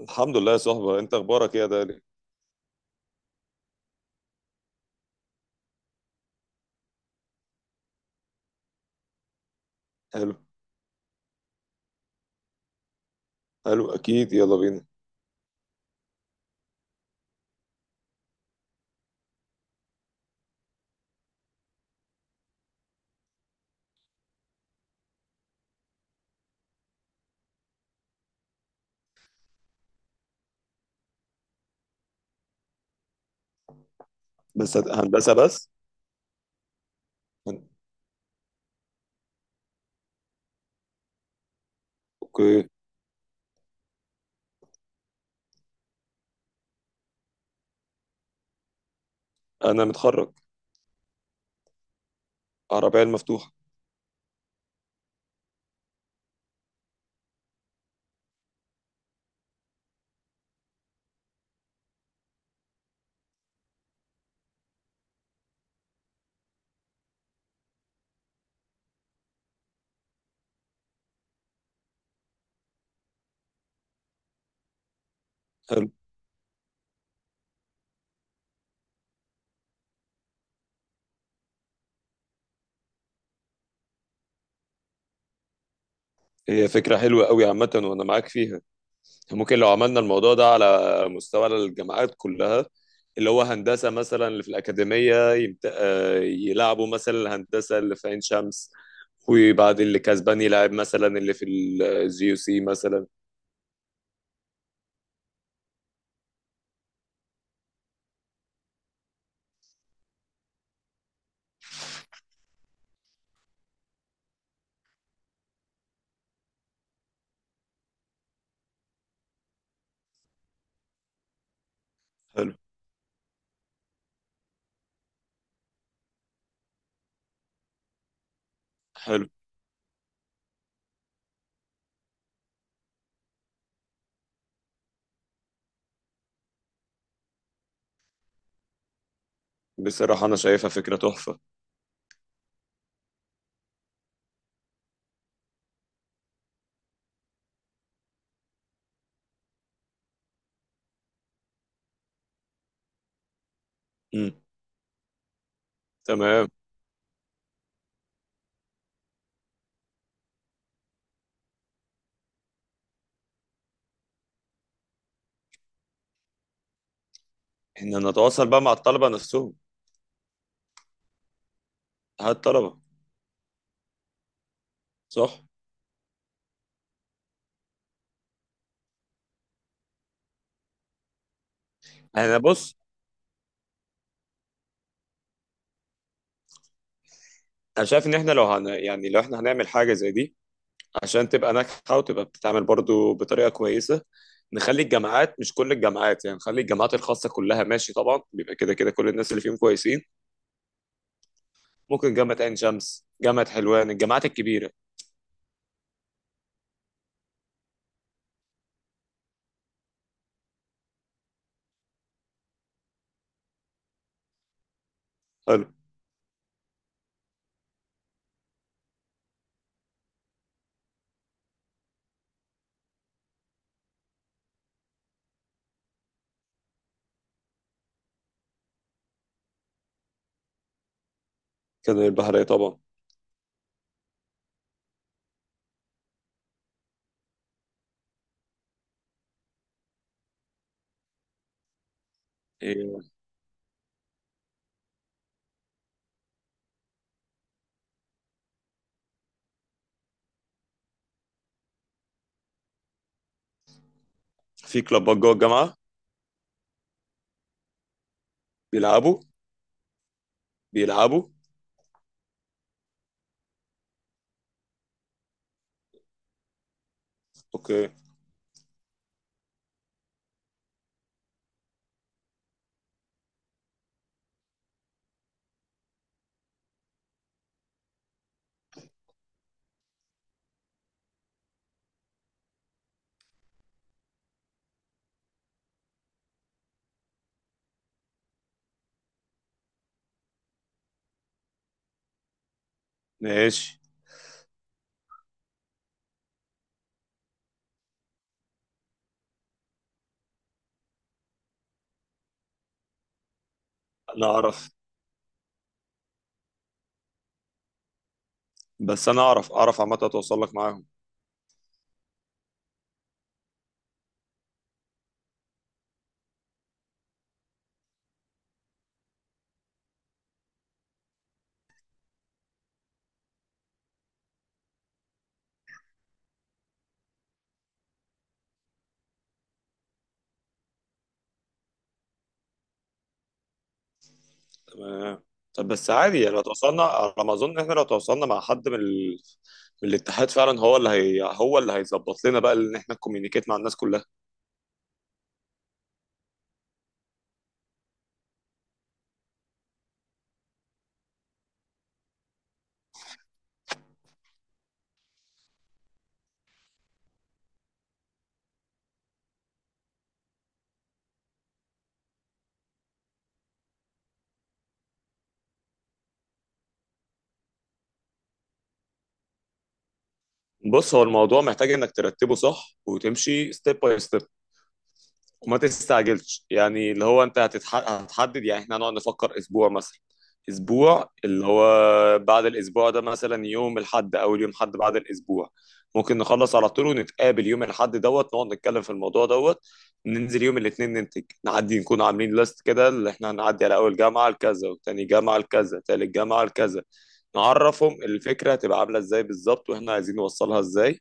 الحمد لله يا صاحبي، انت اخبارك ايه يا دالي؟ حلو. حلو، اكيد يلا بينا. بس هندسه بس. هن- اوكي. انا متخرج. عربيه المفتوحه. حلو. هي فكره حلوه قوي عامه، وانا معاك فيها. ممكن لو عملنا الموضوع ده على مستوى الجامعات كلها، اللي هو هندسه مثلا اللي في الاكاديميه يمت... آه، يلعبوا مثلا الهندسه اللي في عين شمس، وبعد اللي كسبان يلعب مثلا اللي في الجي يو سي مثلا. حلو. حلو. بصراحه انا شايفها فكره تحفه. امم. تمام. احنا نتواصل بقى مع الطلبة نفسهم. هات الطلبة. صح. انا بص. انا شايف ان احنا لو يعني لو احنا هنعمل حاجة زي دي، عشان تبقى ناجحة وتبقى بتتعمل برضو بطريقة كويسة. نخلي الجامعات مش كل الجامعات، يعني نخلي الجامعات الخاصة كلها ماشي، طبعا بيبقى كده كده كل الناس اللي فيهم كويسين. ممكن جامعة عين شمس، جامعة حلوان، الجامعات الكبيرة. حلو. كده البحرية طبعا. إيه، في كلوبات جوه الجامعة. بيلعبوا بيلعبوا. اوكي. ماشي. انا اعرف. بس انا اعرف اعرف عامة، اتواصل لك معاهم. آه. طب بس عادي يعني لو توصلنا، على ما اظن احنا لو توصلنا مع حد من من الاتحاد فعلا هو هو اللي هيظبط لنا بقى ان احنا كوميونيكيت مع الناس كلها. بص هو الموضوع محتاج انك ترتبه صح، وتمشي ستيب باي ستيب. وما تستعجلش، يعني اللي هو انت هتحدد. يعني احنا هنقعد نفكر اسبوع مثلا، اسبوع اللي هو بعد الاسبوع ده، مثلا يوم الحد، اول يوم حد بعد الاسبوع ممكن نخلص على طول ونتقابل يوم الحد دوت، نقعد نتكلم في الموضوع دوت، ننزل يوم الاثنين ننتج نعدي، نكون عاملين ليست كده اللي احنا هنعدي على اول جامعة لكذا، وتاني جامعة لكذا، تالت جامعة لكذا. نعرفهم الفكرة هتبقى عاملة ازاي بالظبط، واحنا عايزين نوصلها ازاي.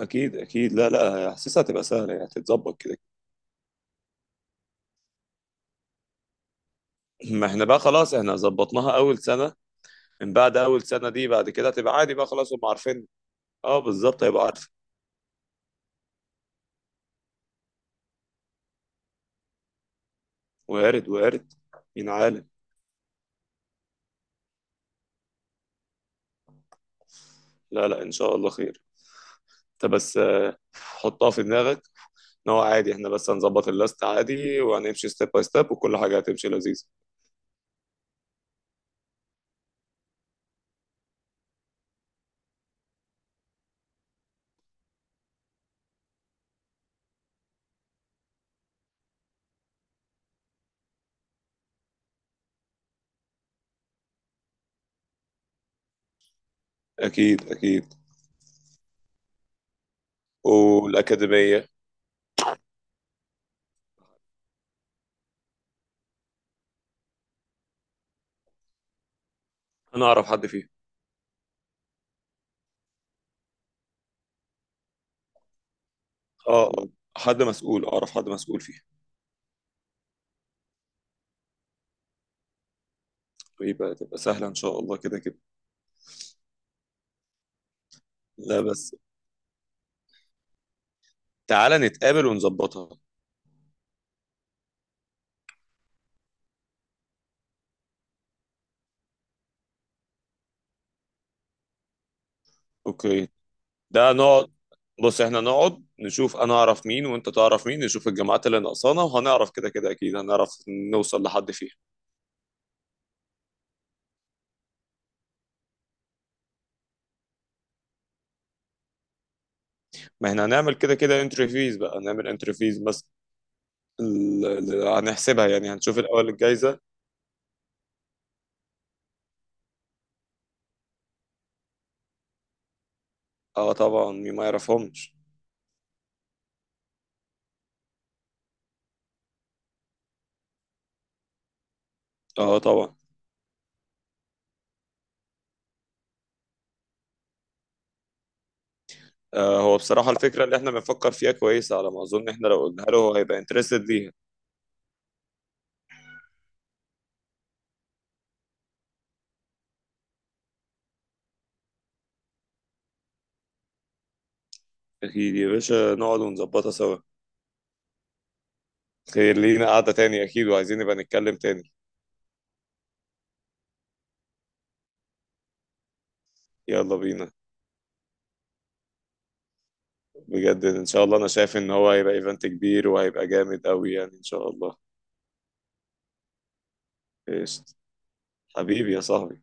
اكيد اكيد، لا لا، حاسسها هتبقى سهلة يعني، هتتظبط كده. ما احنا بقى خلاص احنا ظبطناها اول سنه. من بعد اول سنه دي بعد كده هتبقى عادي بقى، خلاص هم عارفين. اه بالظبط هيبقى عارف. وارد وارد. مين عالم. لا لا، ان شاء الله خير. انت بس حطها في دماغك، ان هو عادي احنا بس هنظبط اللاست عادي وهنمشي ستيب باي ستيب وكل حاجه هتمشي لذيذ. اكيد اكيد. والاكاديميه. انا اعرف حد فيها. اه آه. حد مسؤول، اعرف حد مسؤول فيها. ويبقى سهله ان شاء الله كده كده. لا بس، تعالى نتقابل ونظبطها. اوكي. ده نقعد. بص احنا نقعد نشوف انا اعرف مين وانت تعرف مين، نشوف الجامعات اللي ناقصانا، وهنعرف كده كده، اكيد هنعرف نوصل لحد فيها. ما احنا هنعمل كده كده انتري فيز بقى، هنعمل انتري فيز بس هنحسبها يعني، هنشوف الاول الجايزة. اه طبعا، مين ما يعرفهمش. اه طبعا. هو بصراحة الفكرة اللي احنا بنفكر فيها كويسة، على ما اظن احنا لو قلناها له هو هيبقى انترستد ليها. اكيد يا باشا، نقعد ونظبطها سوا. خير لينا قعدة تاني اكيد، وعايزين نبقى نتكلم تاني. يلا بينا. بجد ان شاء الله انا شايف ان هو هيبقى ايفنت كبير وهيبقى جامد قوي يعني، ان شاء الله. ايش؟ حبيبي يا صاحبي.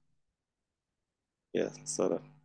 يا سلام.